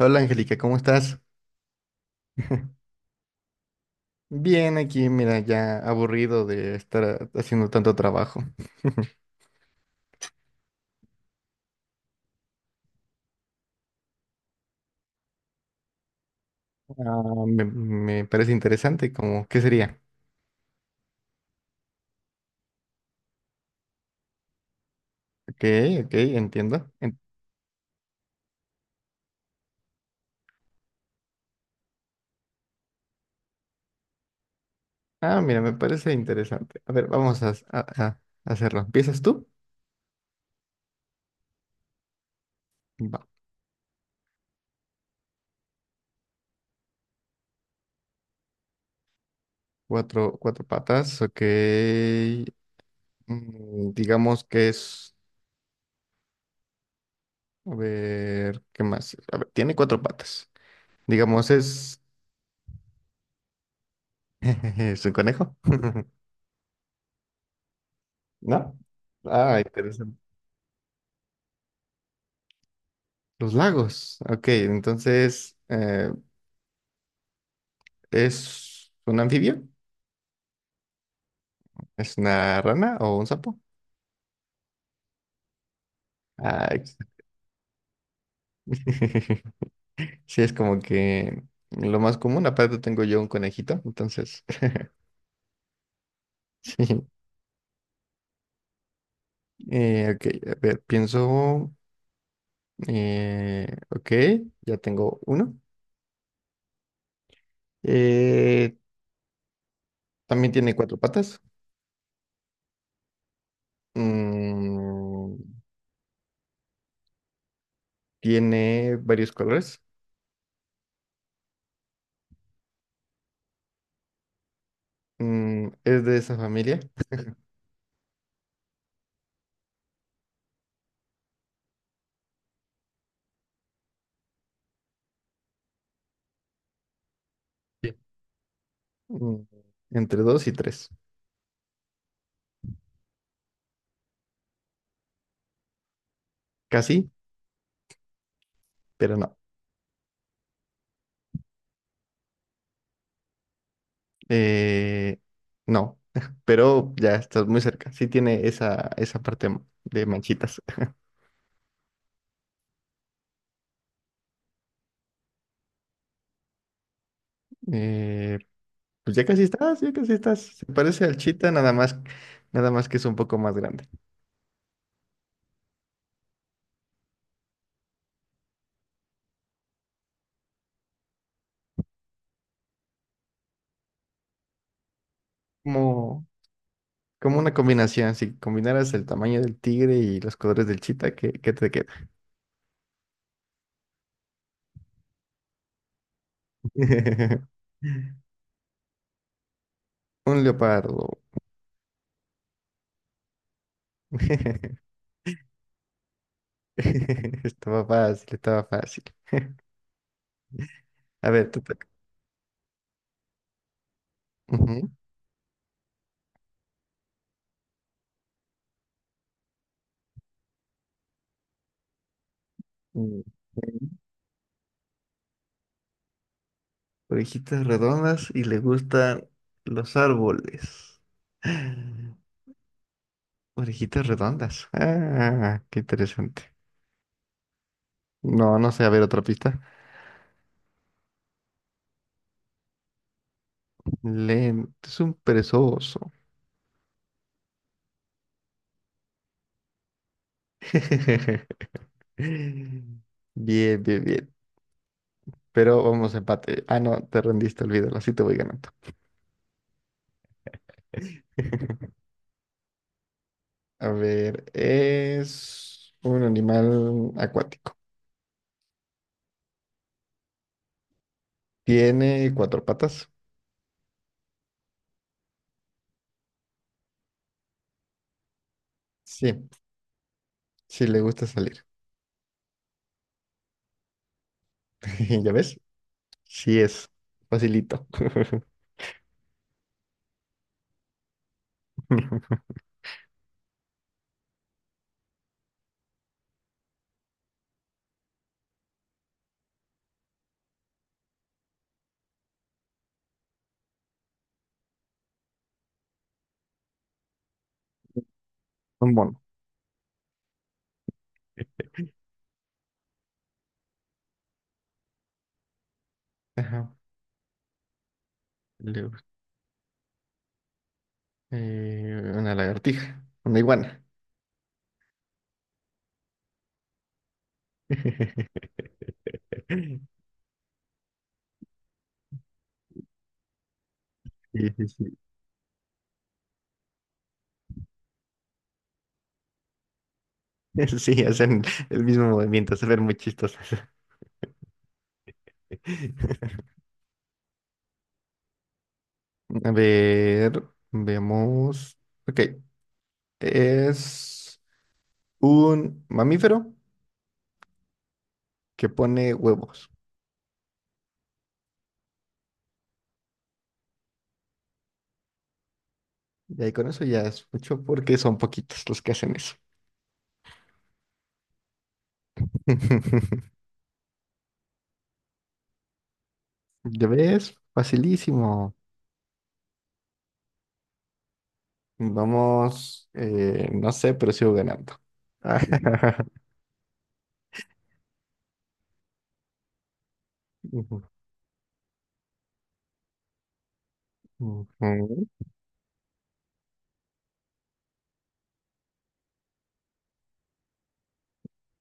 Hola Angélica, ¿cómo estás? Bien, aquí, mira, ya aburrido de estar haciendo tanto trabajo. Ah, me parece interesante, como, ¿qué sería? Ok, ok, entiendo. En- ah, mira, me parece interesante. A ver, vamos a hacerlo. ¿Empiezas tú? Va. Cuatro patas, ok. Digamos que es, a ver, ¿qué más? A ver, tiene cuatro patas. Digamos, es, es un conejo, ¿no? Ah, interesante. Los lagos. Ok, entonces, ¿es un anfibio? ¿Es una rana o un sapo? Ay, sí, es como que lo más común. Aparte tengo yo un conejito, entonces, sí. Ok, a ver, pienso, ok, ya tengo uno. Eh, También tiene cuatro patas. Mm, tiene varios colores. Mm, es de esa familia. Sí. Mm, entre dos y tres. Casi, pero no. Eh, no, pero ya estás muy cerca. Sí tiene esa parte de manchitas. Eh, pues ya casi estás, ya casi estás. Se parece al chita, nada más, nada más que es un poco más grande. Como, como una combinación. Si combinaras el tamaño del tigre y los colores del chita, ¿qué te queda? Un leopardo. Estaba fácil, estaba fácil. A ver, te toca. Ujú. Mm. Orejitas redondas y le gustan los árboles. Orejitas redondas. Ah, qué interesante. No, no sé, a ver otra pista. Lento, es un perezoso. Bien, bien, bien. Pero vamos a empate. Ah, no, te rendiste, olvídalo, así te voy ganando. A ver, es un animal acuático. Tiene cuatro patas. Sí, sí le gusta salir. ¿Ya ves? Sí es. Facilito. Un mono. Ajá. Luego, una lagartija. Una iguana. Sí, sí, sí. Sí, hacen el mismo movimiento, se ven muy chistosas. A ver, veamos. Ok, es un mamífero que pone huevos. Y ahí con eso ya es mucho porque son poquitos los que hacen eso. ¿Ya ves? Facilísimo. Vamos, no sé, pero sigo ganando. Ujú, ujú.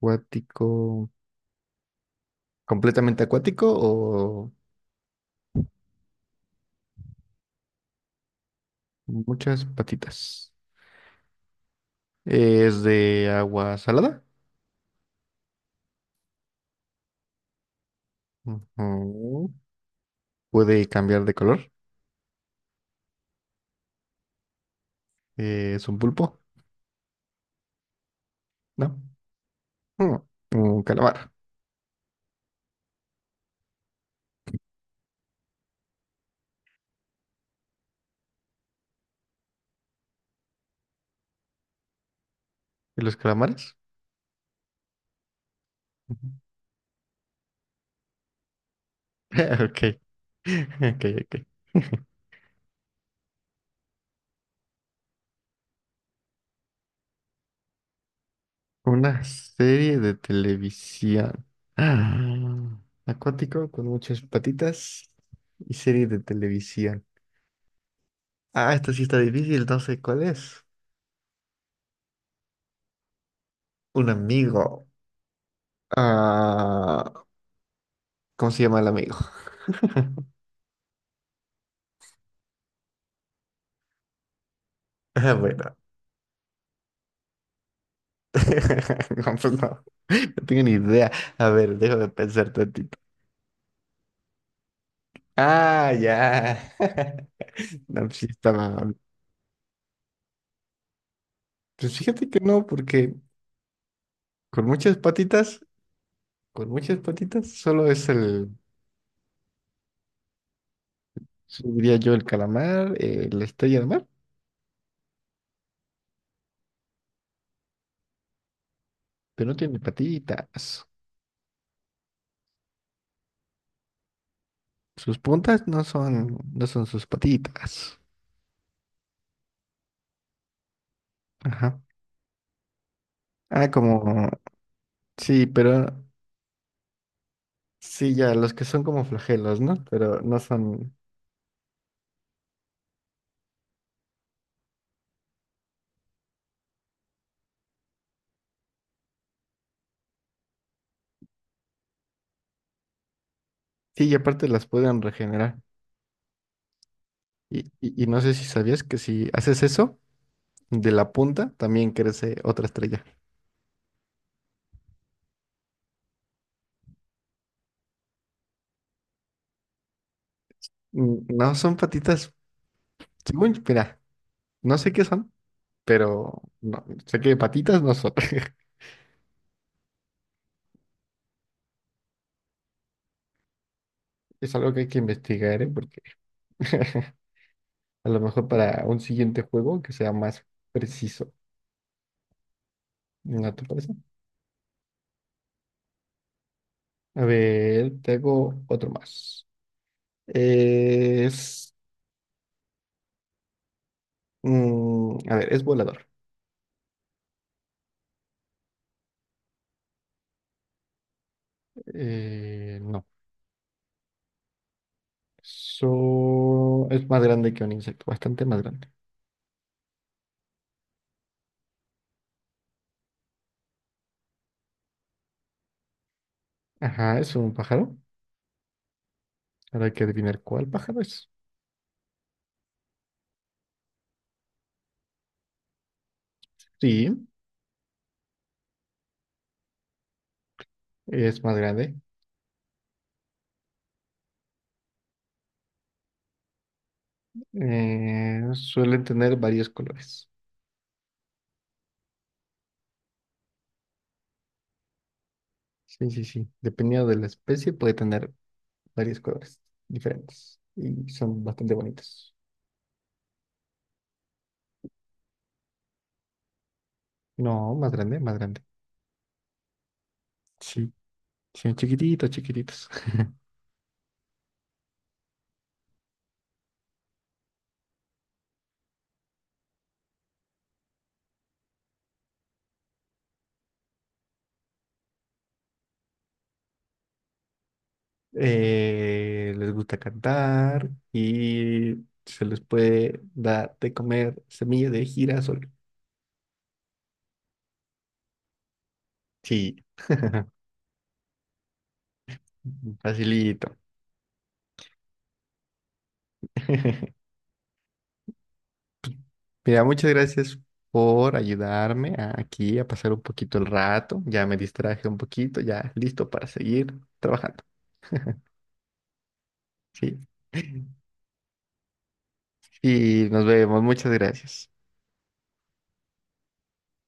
Acuático. ¿Completamente acuático o muchas patitas? ¿Es de agua salada? Ujú. ¿Puede cambiar de color? ¿Es un pulpo? No. Mm, un calamar. ¿Y los calamares? Ujú. Ok. Ok, ok. Una serie de televisión. Ah, acuático con muchas patitas y serie de televisión. Ah, esta sí está difícil, no sé cuál es. Un amigo. Ah, ¿cómo se llama el amigo? Ah, bueno. No, pues no. No tengo ni idea. A ver, déjame pensar tantito. Ah, ya. No, pues sí estaba. Pues fíjate que no, porque con muchas patitas, con muchas patitas, solo es el. Sí, diría yo el calamar, la estrella de mar, pero no tiene patitas. Sus puntas no son, no son sus patitas. Ajá. Ah, como, sí, pero sí, ya, los que son como flagelos, ¿no? Pero no son. Sí, y aparte las pueden regenerar. Y no sé si sabías que si haces eso, de la punta también crece otra estrella. No son patitas. Según, mira, no sé qué son, pero no, sé que patitas no son. Es algo que hay que investigar, ¿eh? A lo mejor para un siguiente juego que sea más preciso. ¿No te parece? A ver, te hago otro más. Es. A ver, es volador. No. So- es más grande que un insecto, bastante más grande. Ajá, es un pájaro. Ahora hay que adivinar cuál pájaro es. Sí, es más grande. Suelen tener varios colores. Sí, sí, sí. Dependiendo de la especie, puede tener varios colores diferentes y son bastante bonitos. No, más grande, más grande. Sí, sí, chiquititos, chiquititos. Les gusta cantar y se les puede dar de comer semilla de girasol. Sí, facilito. Mira, muchas gracias por ayudarme a- aquí a pasar un poquito el rato. Ya me distraje un poquito, ya listo para seguir trabajando. Sí. Y nos vemos. Muchas gracias.